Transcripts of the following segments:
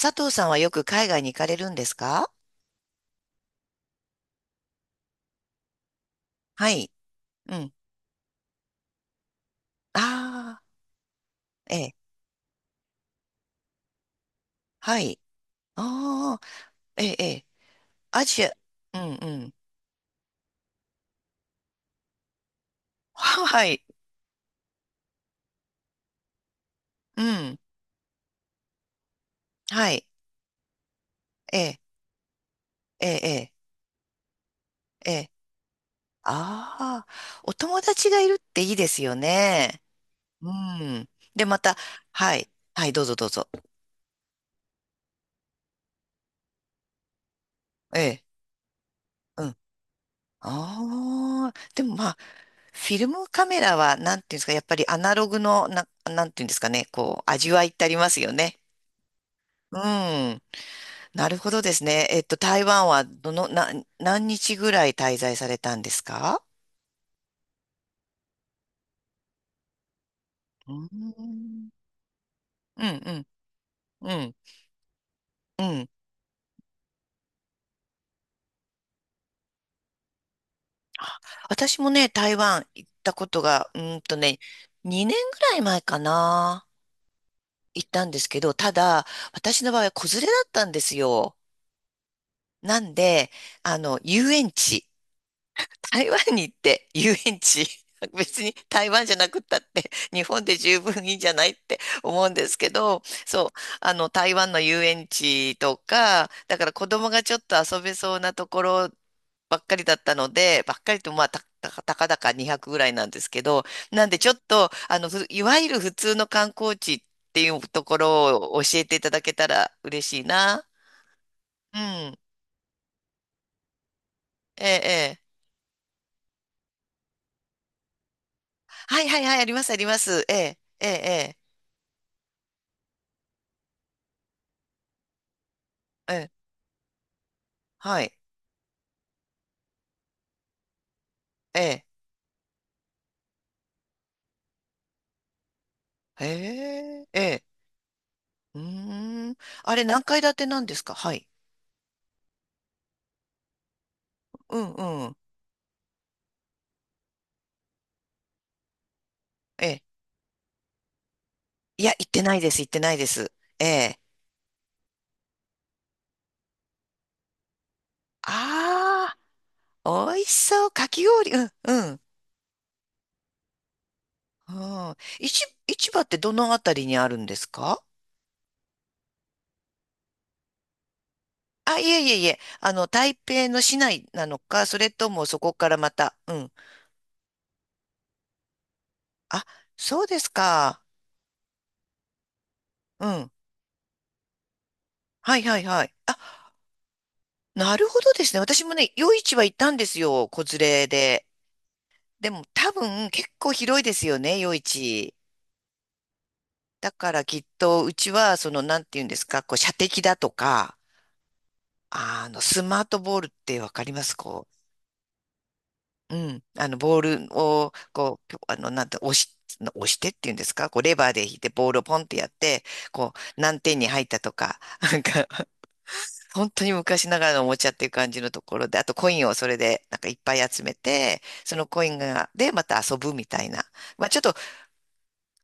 佐藤さんはよく海外に行かれるんですか？はい。うん。ああ、ええ。はい。ああ、ええ、ええ。アジア、うんうん。はい。うん。はい。ええ、ええ、ええ。ええ、ああ、お友達がいるっていいですよね。うん。で、また、はい。はい、どうぞどうぞ。ええ。うん。ああ、でもまあ、フィルムカメラは、なんていうんですか、やっぱりアナログの、な、なんていうんですかね、こう、味わいってありますよね。うん。なるほどですね。台湾はどの、な、何日ぐらい滞在されたんですか？うーん。うん、うん、うん、うん。あ、私もね、台湾行ったことが、2年ぐらい前かな。行ったんですけど、ただ、私の場合は子連れだったんですよ。なんで、遊園地。台湾に行って遊園地、別に台湾じゃなくったって日本で十分いいんじゃないって思うんですけど、そう、あの台湾の遊園地とか、だから子供がちょっと遊べそうなところばっかりだったので、ばっかりとまあた、たかだか200ぐらいなんですけど、なんでちょっと、ふいわゆる普通の観光地っていうところを教えていただけたら嬉しいな。うん。ええ、ええ。はいはいはい、ありますあります。ええ、ええ、ええ。はい。ええ。へえ、ええ。うーん。あれ、何階建てなんですか？はい。うんうん。ええ。いや、行ってないです、行ってないです。ええ。ああ、美味しそう。かき氷。うん、うん。うん、市場ってどのあたりにあるんですか？あ、いえいえいえ。台北の市内なのか、それともそこからまた。うん。あ、そうですか。うん。はいはいはい。あ、なるほどですね。私もね、夜市は行ったんですよ。子連れで。でも多分結構広いですよね、夜市。だからきっとうちはそのなんて言うんですか、こう射的だとか、あのスマートボールってわかります？こう、うん、あのボールをこう、あのなんて押してっていうんですか、こうレバーで引いてボールをポンってやって、こう何点に入ったとか、なんか本当に昔ながらのおもちゃっていう感じのところで、あとコインをそれでなんかいっぱい集めて、そのコインがでまた遊ぶみたいな。まあちょっと、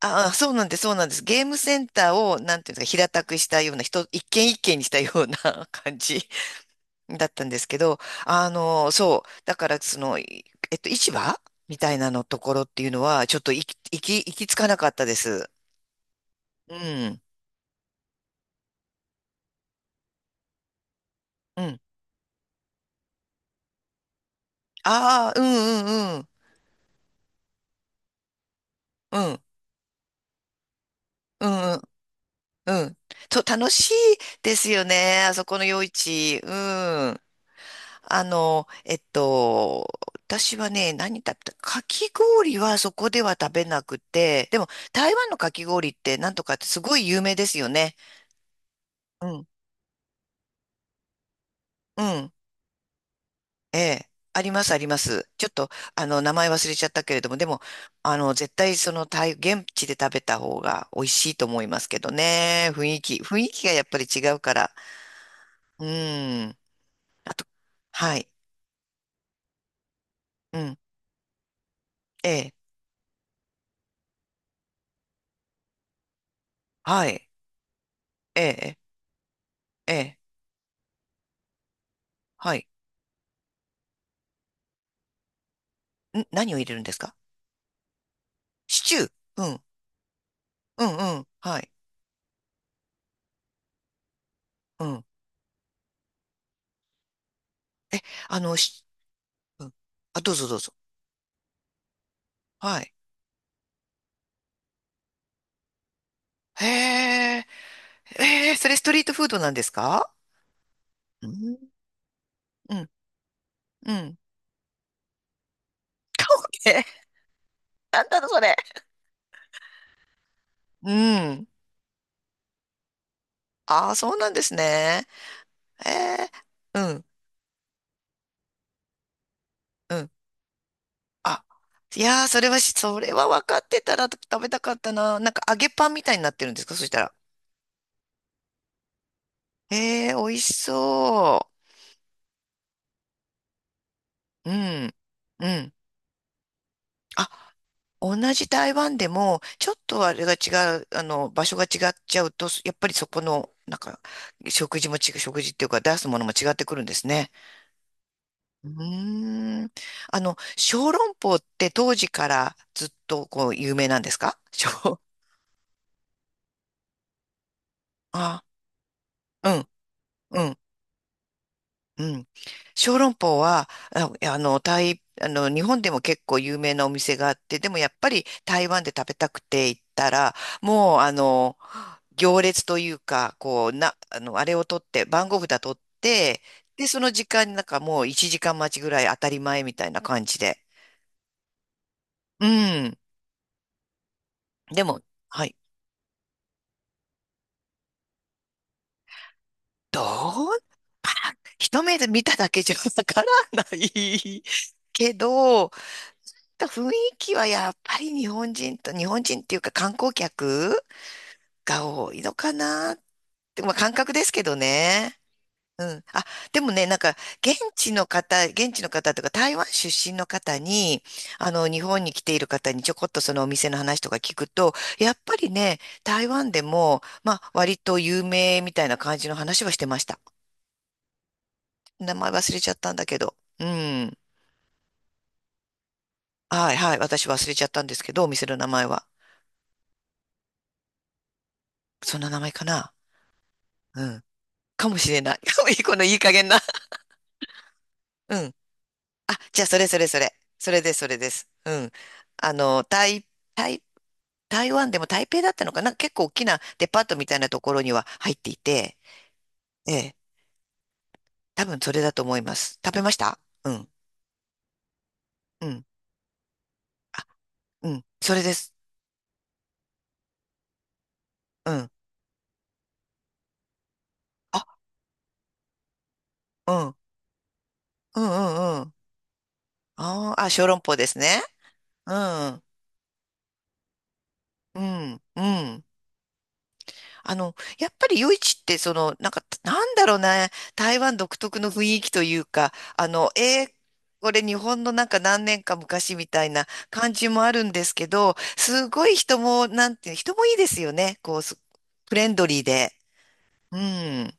ああ、そうなんです、そうなんです。ゲームセンターを、なんていうんですか、平たくしたような、人、一軒一軒にしたような 感じだったんですけど、そう、だから、その、いえっと、市場みたいなのところっていうのは、ちょっと行き着かなかったです。うん、うん。ああ、うんうんうん、うん、うん、うん、うん。と、楽しいですよね、あそこの夜市。うん。あの、えっと、私はね、何食べた、かき氷はそこでは食べなくて、でも台湾のかき氷ってなんとかってすごい有名ですよね。うん、うん、ええ、ありますあります。ちょっと、名前忘れちゃったけれども、でも、絶対その台、現地で食べた方が美味しいと思いますけどね。雰囲気がやっぱり違うから。うん。あと、はい、うん、ええ、はい、ええ、ええ、はい。ん、何を入れるんですか？シチュー。うん。うん、うん。はい。うん。あの、し、うん。あ、どうぞどうぞ。はい。へえ、それストリートフードなんですか？うん。うん。うん。え、なんだろ、それ。うん。ああ、そうなんですね。えー、うん。うん。あ、いやー、それは分かってたら食べたかったな。なんか揚げパンみたいになってるんですか？そしたら。えー、美味しそう。うん。うん。あ、同じ台湾でも、ちょっとあれが違う、場所が違っちゃうと、やっぱりそこの、なんか、食事も違う、食事っていうか出すものも違ってくるんですね。うーん。あの、小籠包って当時からずっとこう有名なんですか？小、あ、うん、うん、うん。小籠包は、ああの、台、日本でも結構有名なお店があって、でもやっぱり台湾で食べたくて行ったら、もう行列というか、こう、な、あれを取って、番号札取って、で、その時間になんかもう1時間待ちぐらい当たり前みたいな感じで。うん。でも、はい。どう、あ、一目で見ただけじゃわからない けど、雰囲気はやっぱり日本人と、日本人っていうか観光客が多いのかなって、まあ感覚ですけどね。うん。あ、でもね、なんか、現地の方、現地の方とか、台湾出身の方に、日本に来ている方にちょこっとそのお店の話とか聞くと、やっぱりね、台湾でも、まあ、割と有名みたいな感じの話はしてました。名前忘れちゃったんだけど。うん。はいはい。私忘れちゃったんですけど、お店の名前は。そんな名前かな？うん。かもしれない。いいこのいい加減な。うん。あ、じゃあ、それそれそれ。それです、それです。うん。あの、台台湾でも台北だったのかな、結構大きなデパートみたいなところには入っていて、ええ、多分それだと思います。食べました。うん、うん。あ、うん、それです。うん。あ、うん、うん、うん、うん。あーあ、小籠包ですね。うん、うん、うん。やっぱり夜市って、その、なんか、なんだろうね、台湾独特の雰囲気というか、これ日本のなんか何年か昔みたいな感じもあるんですけど、すごい人も、なんていう、人もいいですよね。こう、すフレンドリーで。うん。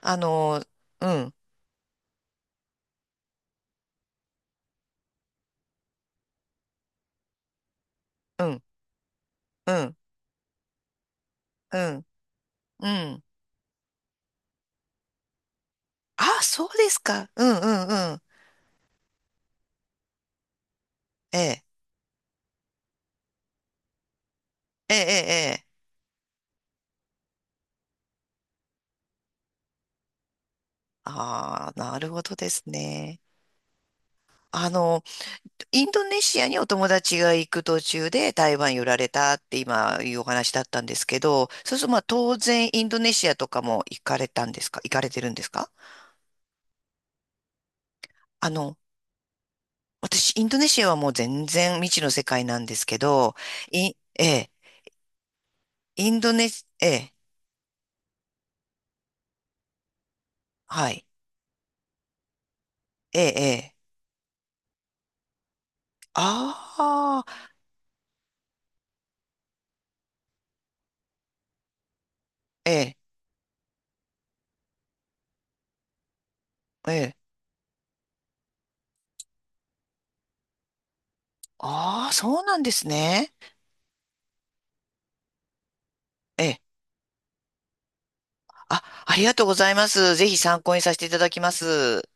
あの、うん、うん、うん、うん、うん。あ、そうですか。うん、うん、うん。ええ、ええ、ええ。ええ、ああ、なるほどですね。あの、インドネシアにお友達が行く途中で台湾寄られたって今いうお話だったんですけど、そうするとまあ当然インドネシアとかも行かれたんですか？行かれてるんですか？あの、私インドネシアはもう全然未知の世界なんですけど、ええ、インドネシ、ええ、はい、ええ、ええ、ああ、ええ、ええ、ああ、そうなんですね。ええ、あ、ありがとうございます。ぜひ参考にさせていただきます。